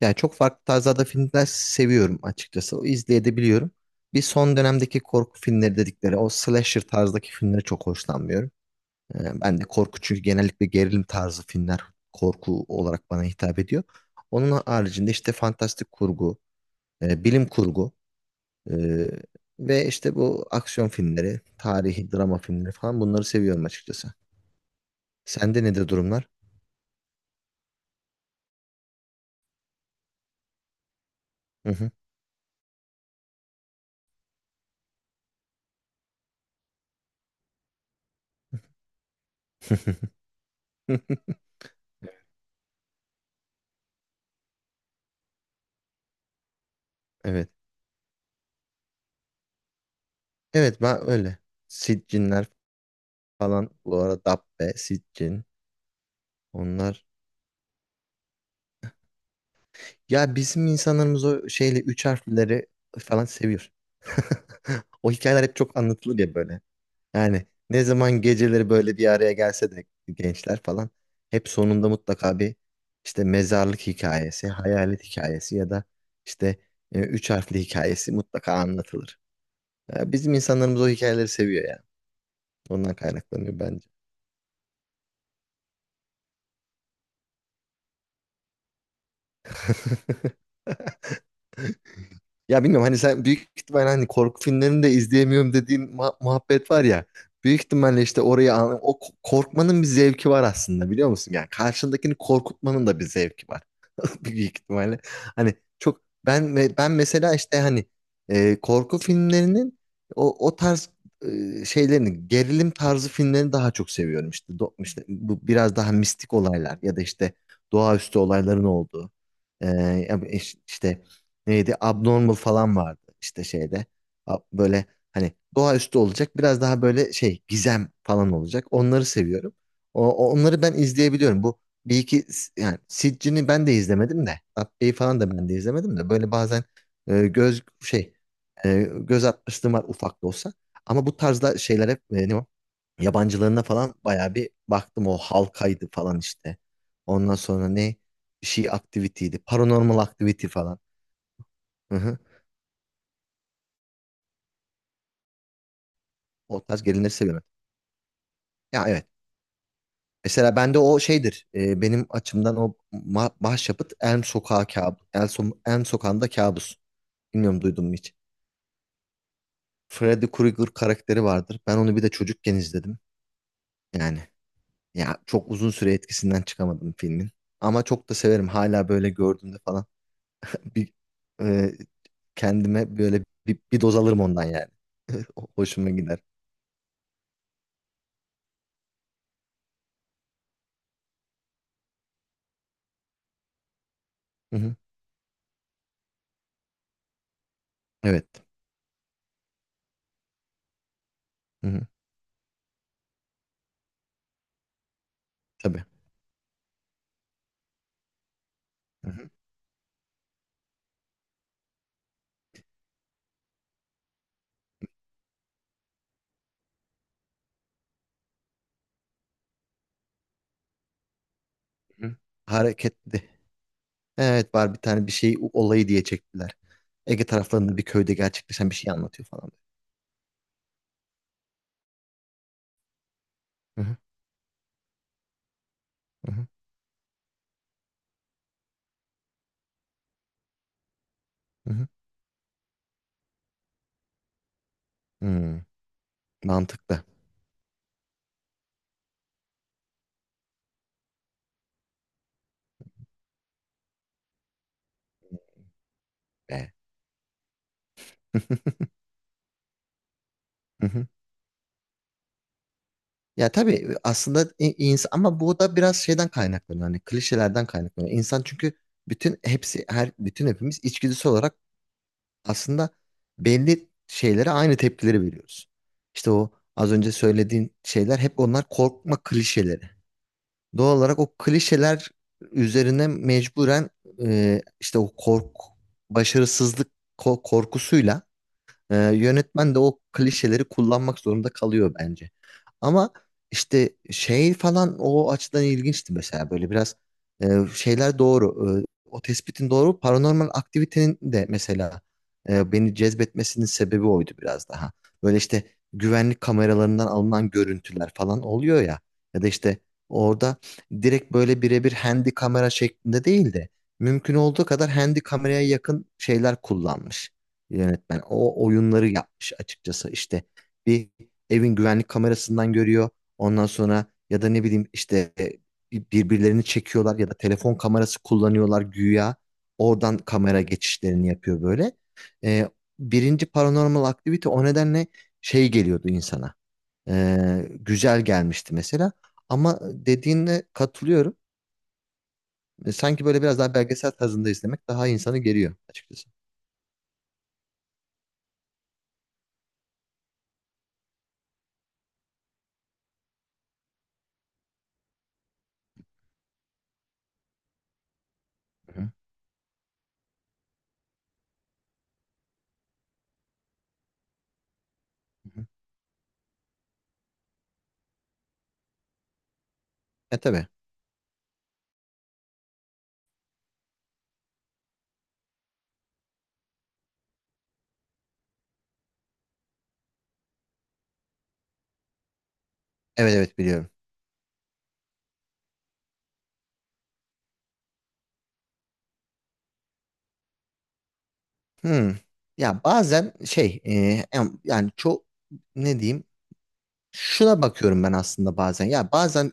Yani çok farklı tarzlarda filmler seviyorum açıkçası. O izleyebiliyorum. Son dönemdeki korku filmleri dedikleri o slasher tarzdaki filmlere çok hoşlanmıyorum. Ben de korku çünkü genellikle gerilim tarzı filmler korku olarak bana hitap ediyor. Onun haricinde işte fantastik kurgu, bilim kurgu e, ve işte bu aksiyon filmleri, tarihi drama filmleri falan bunları seviyorum açıkçası. Sende nedir durumlar? Hı hı. Evet. Evet ben öyle. Siccinler falan bu arada Dabbe, Sitcin onlar. Ya bizim insanlarımız o şeyle üç harfleri falan seviyor. O hikayeler hep çok anlatılır ya böyle. Yani ne zaman geceleri böyle bir araya gelse de gençler falan hep sonunda mutlaka bir işte mezarlık hikayesi, hayalet hikayesi ya da işte üç harfli hikayesi mutlaka anlatılır. Ya bizim insanlarımız o hikayeleri seviyor ya. Ondan kaynaklanıyor bence. Ya bilmiyorum, hani sen büyük ihtimal hani korku filmlerini de izleyemiyorum dediğin muhabbet var ya. Büyük ihtimalle işte orayı an- o ko- korkmanın bir zevki var aslında, biliyor musun? Yani karşındakini korkutmanın da bir zevki var. büyük ihtimalle. Hani çok ben mesela işte hani korku filmlerinin o tarz şeylerini, gerilim tarzı filmlerini daha çok seviyorum işte. İşte bu biraz daha mistik olaylar ya da işte doğaüstü olayların olduğu. E, Ya işte neydi, Abnormal falan vardı işte şeyde. Böyle hani doğaüstü olacak, biraz daha böyle şey gizem falan olacak, onları seviyorum. Onları ben izleyebiliyorum. Bu bir iki, yani Sitchin'i ben de izlemedim de, Dabbe'yi falan da ben de izlemedim de, böyle bazen e, göz şey göz atmışlığım var, ufak da olsa. Ama bu tarzda şeyler hep, ne o? Yabancılarına falan bayağı bir baktım, o halkaydı falan işte. Ondan sonra ne, bir şey aktivitiydi. Paranormal aktiviti falan. Hı hı. O tarz gelinleri seviyorum. Ya evet. Mesela bende o şeydir. Benim açımdan o başyapıt Elm Sokağı kabus. Elm Sokağı'nda kabus. Bilmiyorum, duydun mu hiç? Freddy Krueger karakteri vardır. Ben onu bir de çocukken izledim. Yani ya çok uzun süre etkisinden çıkamadım filmin. Ama çok da severim. Hala böyle gördüğümde falan bir e, kendime böyle bir doz alırım ondan yani. Hoşuma gider. Hı hı. Evet. Hı hı. Tabii. Hı hı. Hı hı. Hareketli. Evet, var bir tane, bir şey olayı diye çektiler. Ege taraflarında bir köyde gerçekleşen bir şey anlatıyor falan. Hı hı. Hı hı. Hı hı. Hmm. Mantıklı. Be. Ya tabii aslında insan, ama bu da biraz şeyden kaynaklanıyor. Hani klişelerden kaynaklanıyor. İnsan çünkü bütün hepsi her bütün hepimiz içgüdüsel olarak aslında belli şeylere aynı tepkileri veriyoruz. İşte o az önce söylediğin şeyler hep onlar korkma klişeleri. Doğal olarak o klişeler üzerine mecburen, işte o kork başarısızlık korkusuyla, yönetmen de o klişeleri kullanmak zorunda kalıyor bence. Ama işte şey falan o açıdan ilginçti mesela, böyle biraz e, şeyler doğru. E, o tespitin doğru. Paranormal aktivitenin de mesela, beni cezbetmesinin sebebi oydu biraz daha. Böyle işte güvenlik kameralarından alınan görüntüler falan oluyor ya. Ya da işte orada direkt böyle birebir handy kamera şeklinde değil de mümkün olduğu kadar handy kameraya yakın şeyler kullanmış yönetmen. O oyunları yapmış açıkçası. İşte bir evin güvenlik kamerasından görüyor. Ondan sonra, ya da ne bileyim işte, birbirlerini çekiyorlar ya da telefon kamerası kullanıyorlar güya. Oradan kamera geçişlerini yapıyor böyle. E, birinci Paranormal Activity o nedenle şey geliyordu insana. E, güzel gelmişti mesela. Ama dediğine katılıyorum. E, sanki böyle biraz daha belgesel tarzında izlemek daha insanı geriyor açıkçası. Hı hı. Hı hı. E tabii. Evet evet biliyorum. Hmm. Ya bazen şey, yani çok ne diyeyim, şuna bakıyorum ben aslında bazen. Ya bazen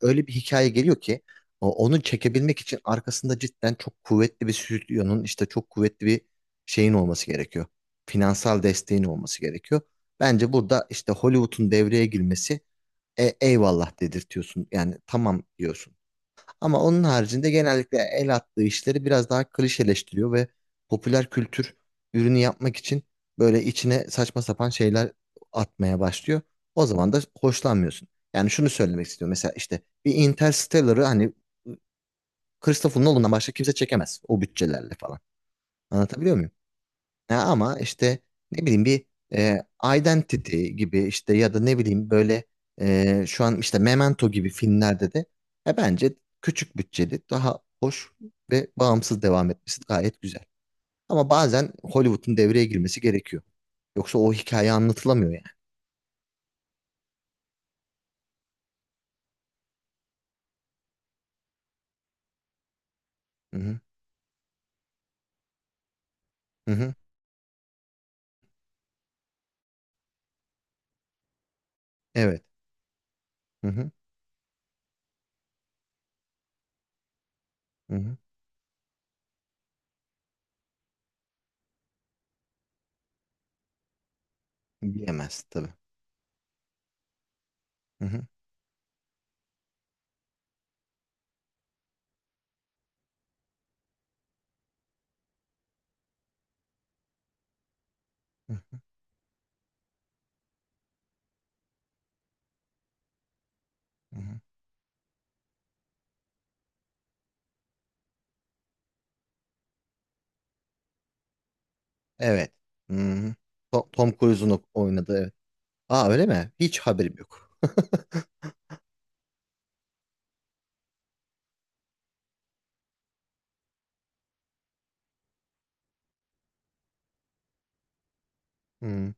öyle bir hikaye geliyor ki onu çekebilmek için arkasında cidden çok kuvvetli bir stüdyonun, işte çok kuvvetli bir şeyin olması gerekiyor. Finansal desteğin olması gerekiyor. Bence burada işte Hollywood'un devreye girmesi, eyvallah dedirtiyorsun. Yani tamam diyorsun. Ama onun haricinde genellikle el attığı işleri biraz daha klişeleştiriyor ve popüler kültür ürünü yapmak için böyle içine saçma sapan şeyler atmaya başlıyor. O zaman da hoşlanmıyorsun. Yani şunu söylemek istiyorum. Mesela işte bir Interstellar'ı, hani Christopher Nolan'dan başka kimse çekemez o bütçelerle falan. Anlatabiliyor muyum? Ya ama işte ne bileyim bir e, Identity gibi, işte ya da ne bileyim böyle, şu an işte Memento gibi filmlerde de, bence küçük bütçeli daha hoş ve bağımsız devam etmesi gayet güzel. Ama bazen Hollywood'un devreye girmesi gerekiyor. Yoksa o hikaye anlatılamıyor yani. Hı hı. Hı hı. Evet. Hı hı. Hı hı. Bilemez tabii. Hı hı. Hı hı. Hı hı. Evet. Hı hı. Tom Cruise'un oynadığı. Evet. Aa, öyle mi? Hiç haberim yok. Hı.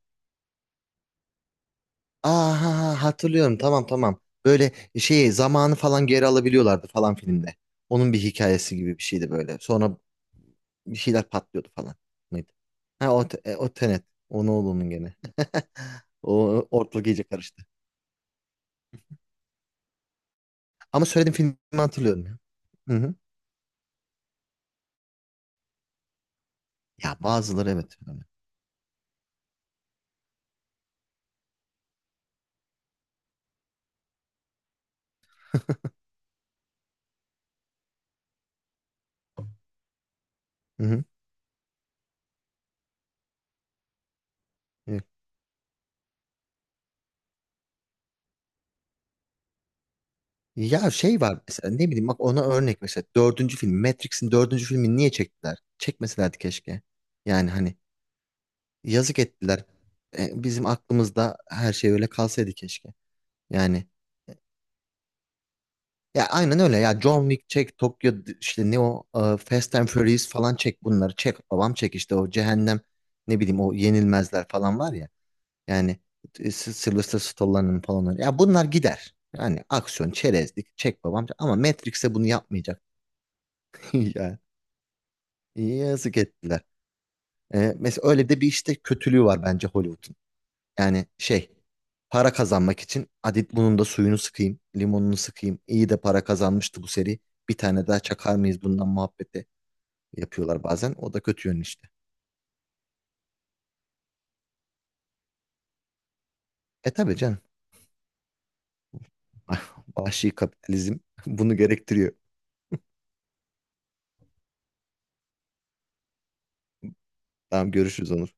Aha ha, hatırlıyorum, tamam tamam. Böyle şeyi, zamanı falan geri alabiliyorlardı falan filmde. Onun bir hikayesi gibi bir şeydi böyle. Sonra bir şeyler patlıyordu falan. Mıydı? Ha o, o Tenet. O ne oldu onun gene? O ortalık iyice karıştı. Ama söylediğim filmi hatırlıyorum ya. Hı hı. Ya bazıları evet, öyle. Hı hı. Evet. Ya şey var mesela, ne bileyim, bak ona örnek mesela dördüncü film, Matrix'in dördüncü filmini niye çektiler? Çekmeselerdi keşke. Yani hani, yazık ettiler. E, bizim aklımızda her şey öyle kalsaydı keşke. Yani ya aynen öyle ya, John Wick çek, işte ne o, Fast and Furious falan çek, bunları çek babam çek, işte o cehennem, ne bileyim, o yenilmezler falan var ya. Yani, Sylvester Stallone'ın falan öyle. Ya bunlar gider. Yani aksiyon çerezlik çek babam, ama Matrix'e bunu yapmayacak. Ya yazık ettiler. E, mesela öyle de bir işte kötülüğü var bence Hollywood'un. Yani şey, para kazanmak için Adit, bunun da suyunu sıkayım, limonunu sıkayım. İyi de para kazanmıştı bu seri. Bir tane daha çakar mıyız bundan muhabbeti yapıyorlar bazen. O da kötü yönü işte. E tabii canım. Vahşi kapitalizm bunu gerektiriyor. Tamam, görüşürüz Onur.